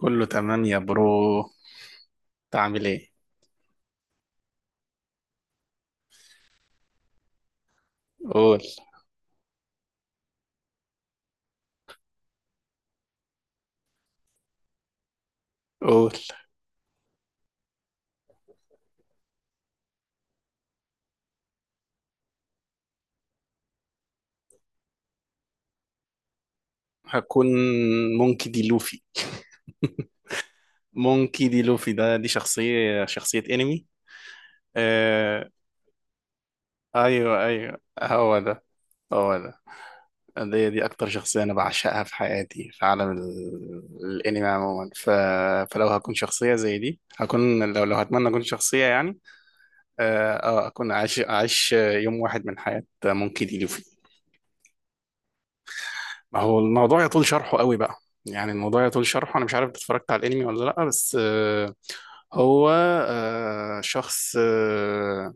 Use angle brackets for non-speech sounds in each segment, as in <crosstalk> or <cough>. كله تمام يا برو. تعمل ايه؟ قول. قول. هكون مونكي دي لوفي. <laughs> مونكي دي لوفي، دي شخصية شخصية انمي. آه، ايوه، ايوه، هو ده. هو ده، دي اكتر شخصية انا بعشقها في حياتي، في عالم الانمي عموما. فلو هكون شخصية زي دي هكون. لو هتمنى اكون شخصية يعني. اكون عايش يوم واحد من حياة مونكي دي. ما هو الموضوع يطول شرحه قوي بقى، يعني الموضوع يطول شرحه. انا مش عارف إنت اتفرجت على الانمي ولا لا، بس هو شخص،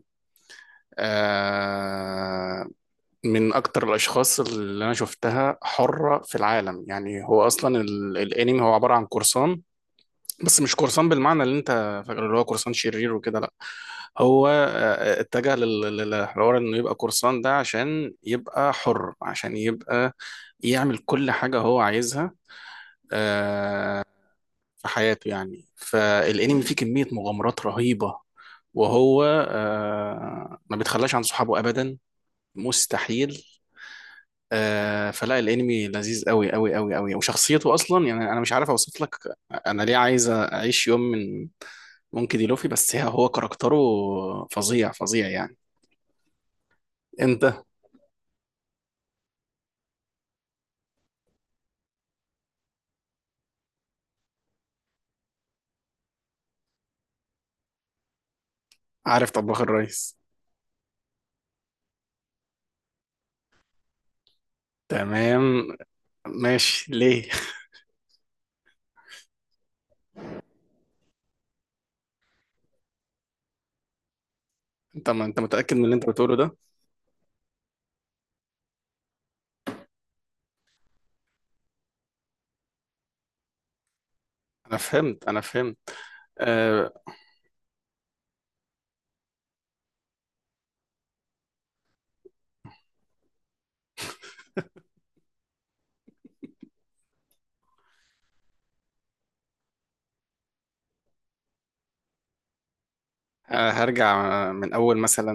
آه، من اكتر الاشخاص اللي انا شفتها حرة في العالم. يعني هو اصلا الانمي هو عبارة عن قرصان، بس مش قرصان بالمعنى اللي انت فاكره، اللي هو قرصان شرير وكده. لا، هو اتجه للحوار انه يبقى قرصان ده عشان يبقى حر، عشان يبقى يعمل كل حاجة هو عايزها آه، في حياته. يعني فالانمي فيه كمية مغامرات رهيبة، وهو ما بيتخلاش عن صحابه ابدا، مستحيل. فلا، الانمي لذيذ قوي قوي قوي قوي، وشخصيته اصلا، يعني انا مش عارف اوصف لك انا ليه عايز اعيش يوم من ممكن دي لوفي، بس هو كاركتره فظيع فظيع يعني. انت، عارف طباخ الريس. تمام، ماشي. ليه؟ <laughs> انت، ما انت متأكد من اللي انت بتقوله ده؟ انا فهمت، انا فهمت. آه، هرجع من اول مثلا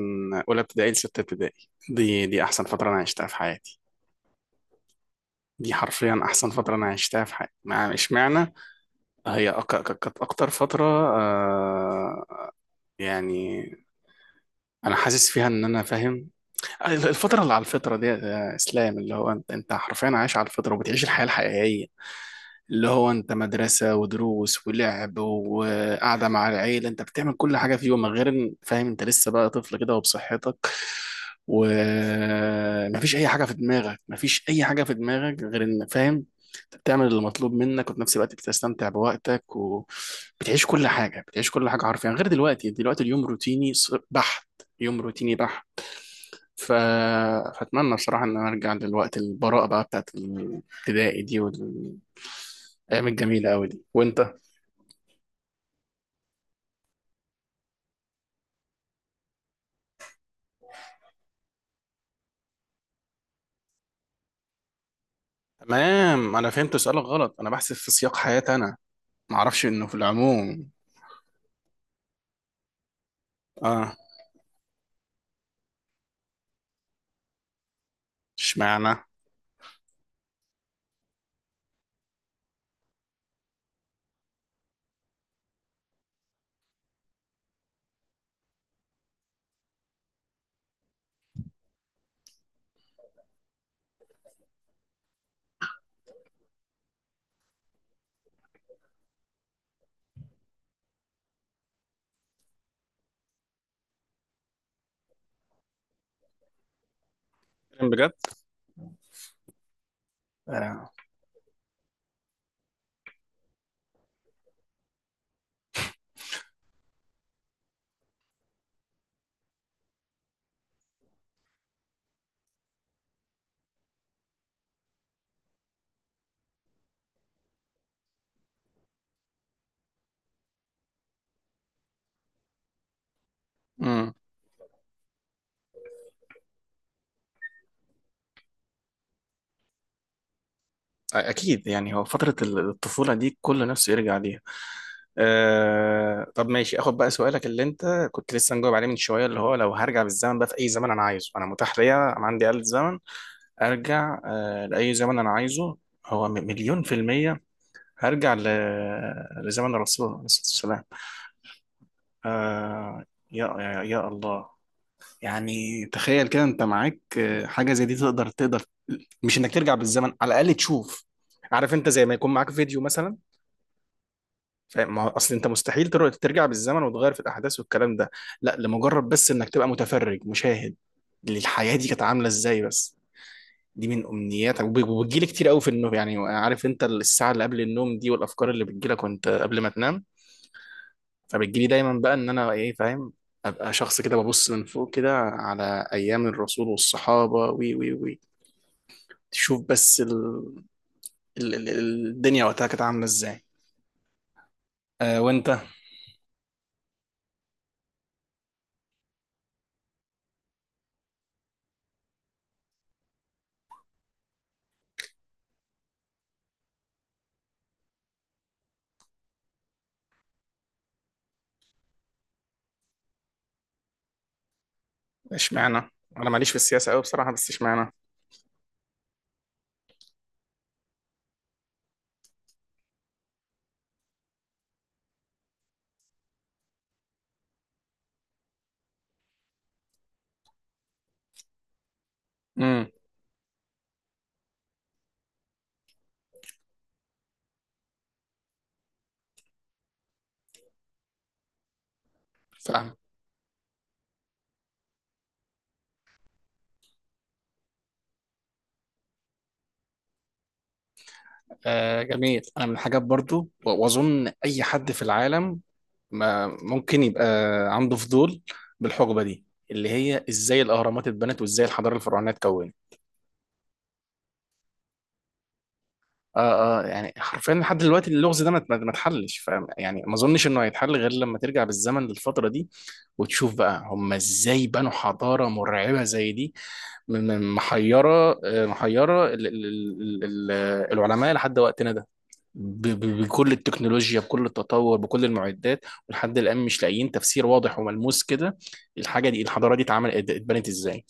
اولى ابتدائي لسته ابتدائي. دي احسن فتره انا عشتها في حياتي. دي حرفيا احسن فتره انا عشتها في حياتي. مع، اشمعنى؟ هي كانت اكتر فتره، يعني انا حاسس فيها ان انا فاهم الفتره اللي على الفطره دي، اسلام، اللي هو انت حرفيا عايش على الفطره وبتعيش الحياه الحقيقيه، اللي هو انت مدرسة ودروس ولعب وقعدة مع العيلة. انت بتعمل كل حاجة في يومك غير ان فاهم انت لسه بقى طفل كده وبصحتك، ومفيش اي حاجة في دماغك، مفيش اي حاجة في دماغك غير ان فاهم انت بتعمل المطلوب منك، وفي نفس الوقت بتستمتع بوقتك وبتعيش كل حاجة، بتعيش كل حاجة حرفيا، غير دلوقتي. دلوقتي اليوم روتيني بحت، يوم روتيني بحت. ف... فأتمنى بصراحة إن أنا أرجع للوقت البراءة بقى بتاعت الابتدائي دي، الايام الجميله قوي دي. وانت؟ تمام، انا فهمت سؤالك غلط، انا بحسب في سياق حياتي انا، ما اعرفش انه في العموم. اه، اشمعنى؟ بتكلم بجد؟ آه. امم. اكيد، يعني هو فتره الطفوله دي كل نفسه يرجع ليها. آه. طب ماشي، اخد بقى سؤالك اللي انت كنت لسه مجاوب عليه من شويه، اللي هو لو هرجع بالزمن بقى، في اي زمن انا عايزه، انا متاح ليا، انا عندي آلة زمن، ارجع لاي زمن انا عايزه. هو مليون في الميه، هرجع لزمن الرسول عليه الصلاه والسلام. آه، يا يا يا الله. يعني تخيل كده، انت معاك حاجة زي دي، تقدر، تقدر، مش انك ترجع بالزمن، على الأقل تشوف. عارف انت، زي ما يكون معاك فيديو مثلا. فاهم، ما هو اصل انت مستحيل ترجع بالزمن وتغير في الأحداث والكلام ده، لا، لمجرد بس انك تبقى متفرج مشاهد للحياة دي كانت عاملة ازاي بس. دي من أمنياتك، وبتجيلي كتير قوي في النوم، يعني عارف انت الساعة اللي قبل النوم دي والأفكار اللي بتجيلك وانت قبل ما تنام، فبتجيلي دايما بقى ان انا ايه، فاهم، ابقى شخص كده ببص من فوق كده على ايام الرسول والصحابه، وي وي وي، تشوف بس الدنيا وقتها كانت عامله ازاي. وانت؟ اشمعنى؟ انا ماليش في السياسه قوي بصراحه، بس اشمعنى؟ امم فاهم. جميل. انا من الحاجات برضو، واظن اي حد في العالم ما ممكن يبقى عنده فضول بالحقبه دي، اللي هي ازاي الاهرامات اتبنت وازاي الحضاره الفرعونيه اتكونت. اه، اه، يعني حرفيا لحد دلوقتي اللغز ده ما اتحلش، فاهم، يعني ما اظنش انه هيتحل غير لما ترجع بالزمن للفتره دي، وتشوف بقى هم ازاي بنوا حضاره مرعبه زي دي. من محيره ال ال ال ال العلماء لحد وقتنا ده، بكل التكنولوجيا، بكل التطور، بكل المعدات، ولحد الان مش لاقيين تفسير واضح وملموس كده الحاجه دي، الحضاره دي اتبنت ازاي.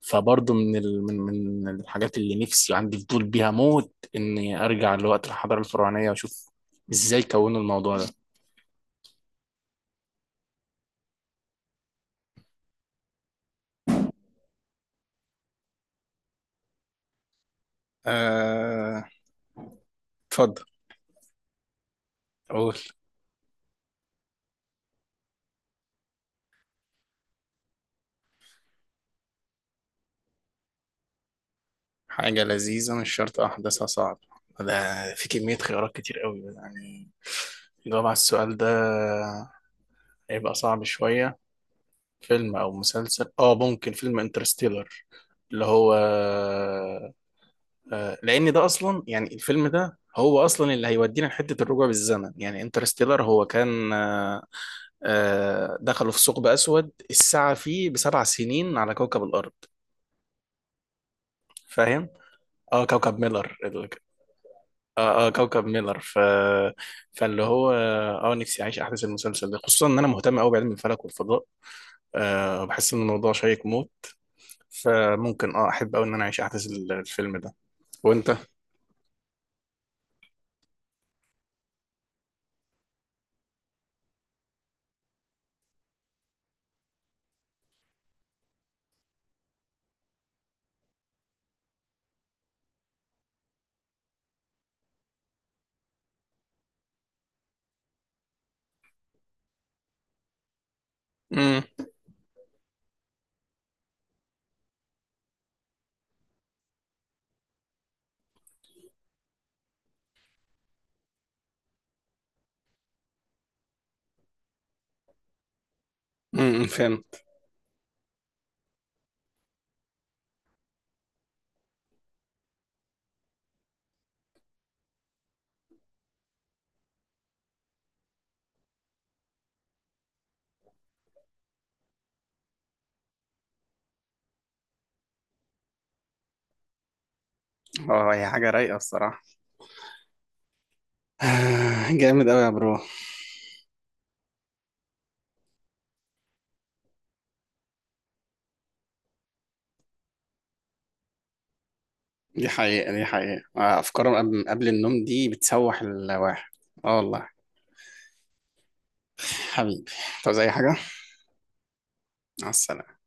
فبرضه من من الحاجات اللي نفسي وعندي فضول بيها موت، اني ارجع لوقت الحضاره الفرعونيه واشوف ازاي كونوا الموضوع ده. آه، اتفضل. قول. حاجة لذيذة مش شرط أحداثها صعب؟ ده في كمية خيارات كتير قوي يعني، الجواب على السؤال ده هيبقى صعب شوية. فيلم أو مسلسل، ممكن فيلم انترستيلر، اللي هو لان ده اصلا، يعني الفيلم ده هو اصلا اللي هيودينا لحته الرجوع بالزمن. يعني انترستيلر هو كان، دخلوا في ثقب اسود الساعه فيه بـ7 سنين على كوكب الارض، فاهم. اه، كوكب ميلر. فاللي هو نفسي اعيش احداث المسلسل ده، خصوصا ان انا مهتم قوي بعلم الفلك والفضاء. بحس ان الموضوع شيق موت. فممكن، احب قوي ان انا اعيش احداث الفيلم ده. وانت؟ امم فهمت. اه، هي حاجه رايقه الصراحه، جامد قوي يا برو. دي حقيقة، دي حقيقة، أفكار قبل النوم دي بتسوح الواحد. اه والله. حبيبي، طب زي حاجة. مع السلامة.